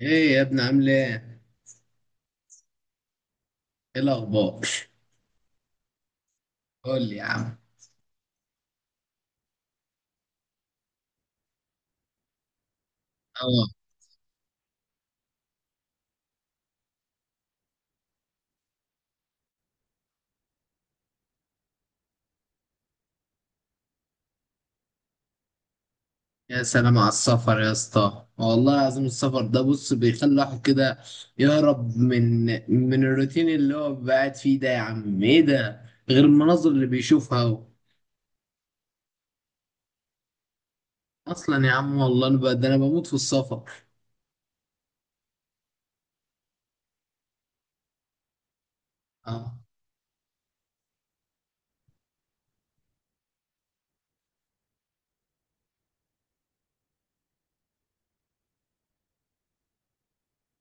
ايه يا ابني عامل ايه؟ ايه الاخبار؟ قول لي يا عم. اه. يا سلام على السفر يا اسطى، والله العظيم السفر ده بص بيخلي الواحد كده يهرب من الروتين اللي هو بيبقى قاعد فيه ده، يا عم ايه ده؟ غير المناظر اللي بيشوفها هو. اصلا يا عم والله انا ده انا بموت في السفر. اه،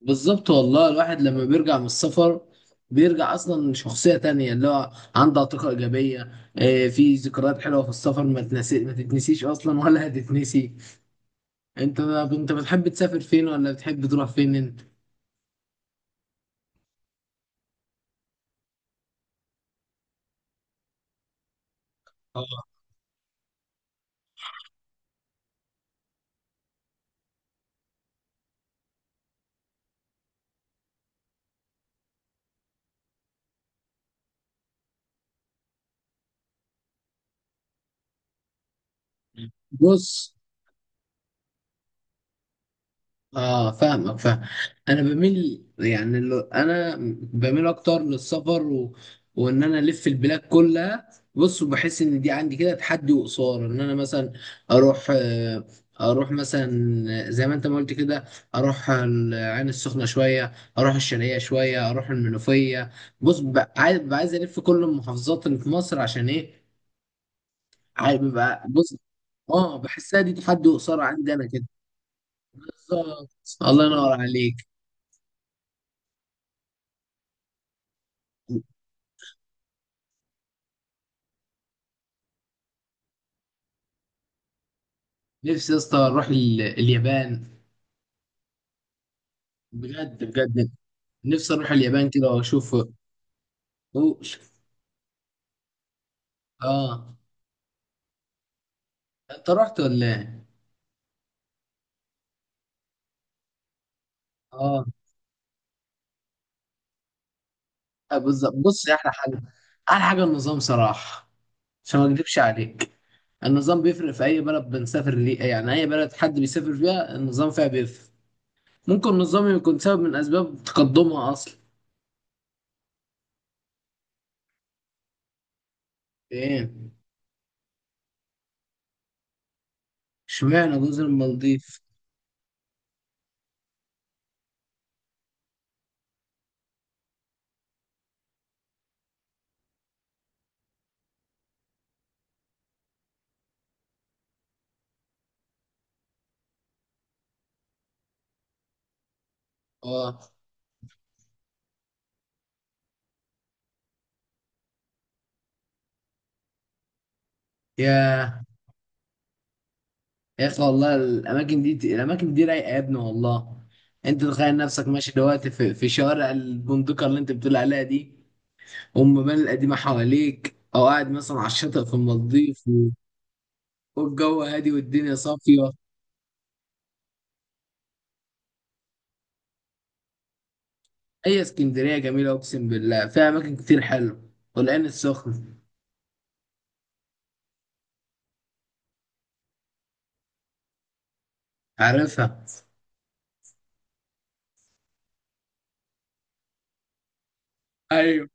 بالظبط، والله الواحد لما بيرجع من السفر بيرجع اصلا شخصيه تانية اللي هو عنده طاقه ايجابيه. في ذكريات حلوه في السفر ما تنسي، ما تتنسيش اصلا ولا هتتنسي. انت بتحب تسافر فين، ولا بتحب تروح فين انت؟ اه. بص. اه، فاهمك فاهم. انا بميل يعني، اللي انا بميل اكتر للسفر وان انا الف البلاد كلها. بص، وبحس ان دي عندي كده تحدي وقصار، ان انا مثلا اروح آه، اروح مثلا زي ما انت ما قلت كده. اروح العين السخنه شويه، اروح الشرقيه شويه، اروح المنوفيه. بص، ببقى عايز الف كل المحافظات اللي في مصر، عشان ايه؟ عايز ببقى، بص، اه بحسها دي تحدي وقصار عندي انا كده. بالظبط. الله ينور عليك. نفسي يا اسطى اروح اليابان. بجد بجد. نفسي اروح اليابان كده واشوف وش- اه. انت رحت ولا ايه؟ اه. بالظبط. بص، يا احلى حاجه، احلى حاجه النظام صراحه، عشان ما اكدبش عليك. النظام بيفرق في اي بلد بنسافر ليه، يعني اي بلد حد بيسافر فيها النظام فيها بيفرق. ممكن النظام يكون سبب من اسباب تقدمها اصلا. ايه؟ اشمعنى جزر المالديف؟ اه. يا يا اخي، والله الاماكن دي، الاماكن دي رايقه يا ابني، والله. انت تخيل نفسك ماشي دلوقتي في شوارع البندقه اللي انت بتقول عليها دي، والمباني القديمه حواليك، او قاعد مثلا على الشاطئ في المالديف والجو هادي والدنيا صافيه. هي اسكندريه جميله، اقسم بالله فيها اماكن كتير حلوه، والعين السخنه. عارفها. ايوه.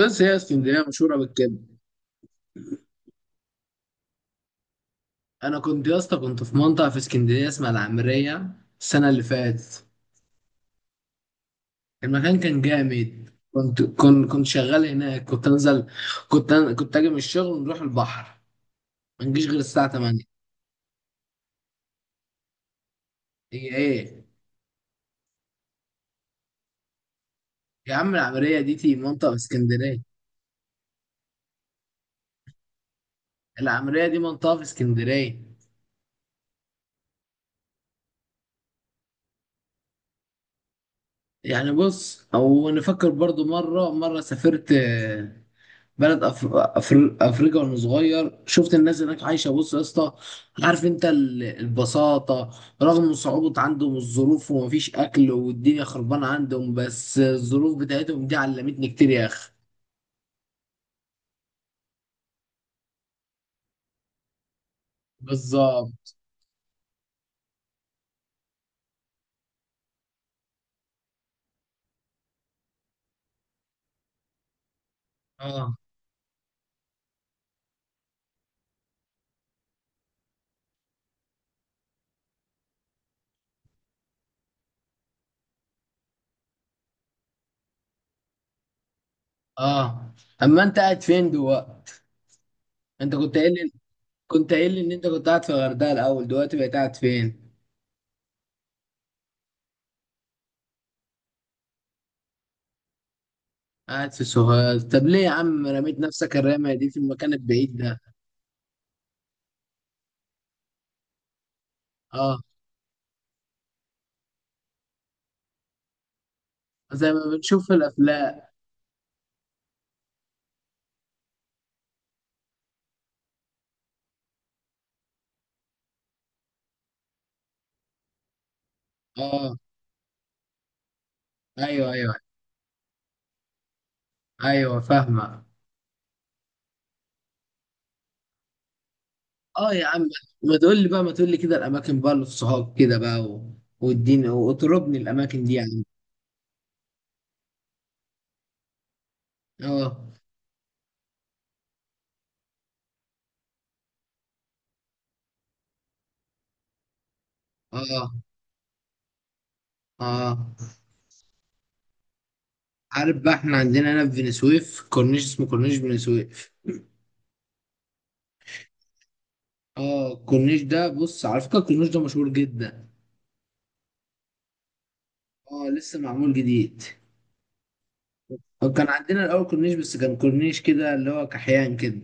بس هي اسكندريه مشهوره بالكده. انا كنت يا اسطى كنت في منطقه في اسكندريه اسمها العمريه، السنه اللي فاتت. المكان كان جامد، كنت شغال هناك، كنت انزل، كنت اجي من الشغل ونروح البحر، ما نجيش غير الساعه 8. هي ايه؟ يا عم العمريه دي تي منطقه في اسكندريه، العمريه دي منطقه في اسكندريه. يعني بص، او نفكر برضو، مره مره سافرت بلد افريقيا وانا صغير، شفت الناس هناك عايشه، بص يا اسطى، عارف انت البساطه، رغم صعوبه عندهم الظروف ومفيش اكل والدنيا خربانه عندهم، بس الظروف بتاعتهم دي علمتني كتير يا اخي. بالظبط. اه. اه. اما انت قاعد فين دلوقتي؟ انت كنت قايل لي ان انت كنت قاعد في الغردقه الاول، دلوقتي بقيت قاعد فين؟ قاعد في سوهاج، طب ليه يا عم رميت نفسك الرمية دي في المكان البعيد ده؟ اه، زي ما بنشوف في الافلام. اه. ايوه. ايوه. ايوه، فاهمه. اه يا عم، ما تقول لي بقى، ما تقول لي كده الاماكن بقى للصحاب كده بقى، واديني واطربني الاماكن دي يعني. اه. اه. اه. عارف بقى، احنا عندنا هنا في بني سويف كورنيش اسمه كورنيش بني سويف. اه، الكورنيش ده، بص على فكره، الكورنيش ده مشهور جدا. اه، لسه معمول جديد. وكان عندنا الاول كورنيش، بس كان كورنيش كده اللي هو كحيان كده.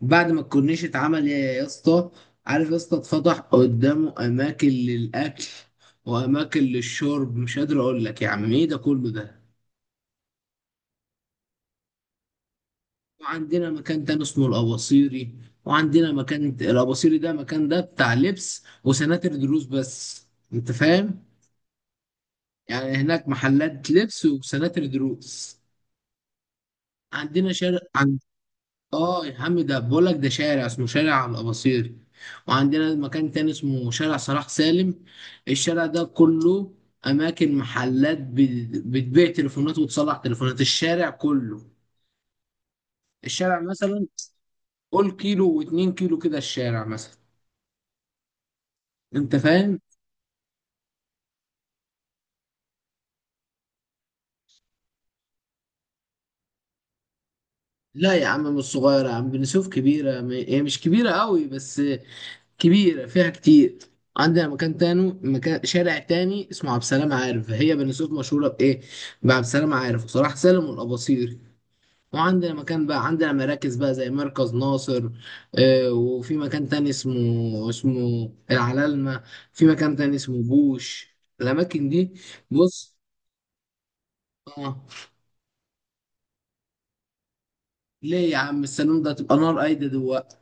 بعد ما الكورنيش اتعمل يا اسطى، عارف يا اسطى، اتفتح قدامه اماكن للاكل واماكن للشرب، مش قادر اقول لك يا عم ايه ده كله ده. وعندنا مكان تاني اسمه الاباصيري، وعندنا مكان الاباصيري ده، مكان ده بتاع لبس وسناتر دروس بس، انت فاهم. يعني هناك محلات لبس وسناتر دروس. عندنا شارع. اه يا عم، ده بقول لك، ده شارع اسمه شارع الاباصير. وعندنا مكان تاني اسمه شارع صلاح سالم، الشارع ده كله اماكن، محلات بتبيع تليفونات وتصلح تليفونات، الشارع كله. الشارع مثلا، قول كيلو واتنين كيلو كده، الشارع مثلا، انت فاهم. لا يا عم، مش صغيرة يا عم، بني سويف كبيرة، هي مش كبيرة قوي، بس كبيرة فيها كتير. عندنا مكان تاني، مكان شارع تاني اسمه عبد السلام عارف، هي بني سويف مشهورة بإيه؟ بعبد السلام عارف وصلاح سالم والأباصير. وعندنا مكان بقى، عندنا مراكز بقى زي مركز ناصر. وفي مكان تاني اسمه العلالمة. في مكان تاني اسمه بوش، الأماكن دي. بص. آه ليه يا عم؟ السلام ده تبقى نار قايدة دلوقتي.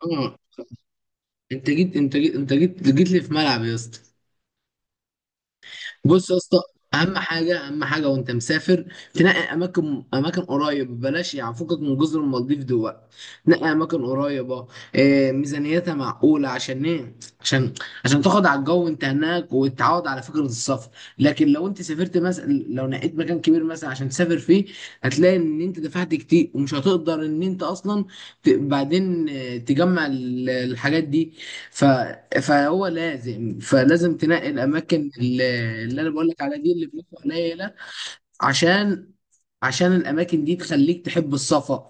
آه أنت جيت لي في ملعب يا اسطى. بص يا اسطى، اهم حاجه اهم حاجه وانت مسافر، تنقي اماكن، اماكن قريب، بلاش يعني فكك من جزر المالديف دول. نقي اماكن قريبه، ميزانيتها معقوله، عشان ايه؟ عشان عشان تاخد على الجو وانت هناك، وتتعود على فكره السفر. لكن لو انت سافرت مثلا، لو نقيت مكان كبير مثلا عشان تسافر فيه، هتلاقي ان انت دفعت كتير ومش هتقدر ان انت اصلا بعدين، تجمع الحاجات دي. ف... فهو لازم فلازم تنقي الاماكن اللي انا بقول لك عليها دي، اللي فلوسها قليله. عشان عشان الاماكن دي تخليك تحب السفر.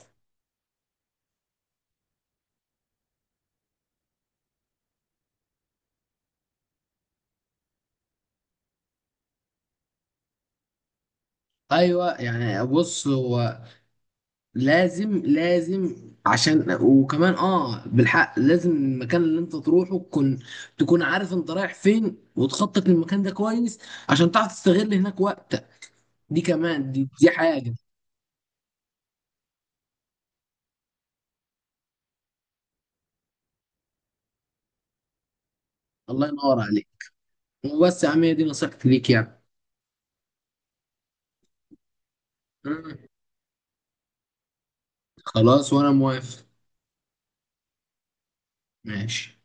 ايوه، يعني بص هو، لازم لازم. عشان، وكمان بالحق، لازم المكان اللي انت تروحه تكون عارف انت رايح فين، وتخطط للمكان ده كويس عشان تعرف تستغل هناك وقتك. دي كمان، دي حاجه. الله ينور عليك. وبس يا عم، هي دي نصيحتي ليك يعني. مم. خلاص وانا موافق. ماشي.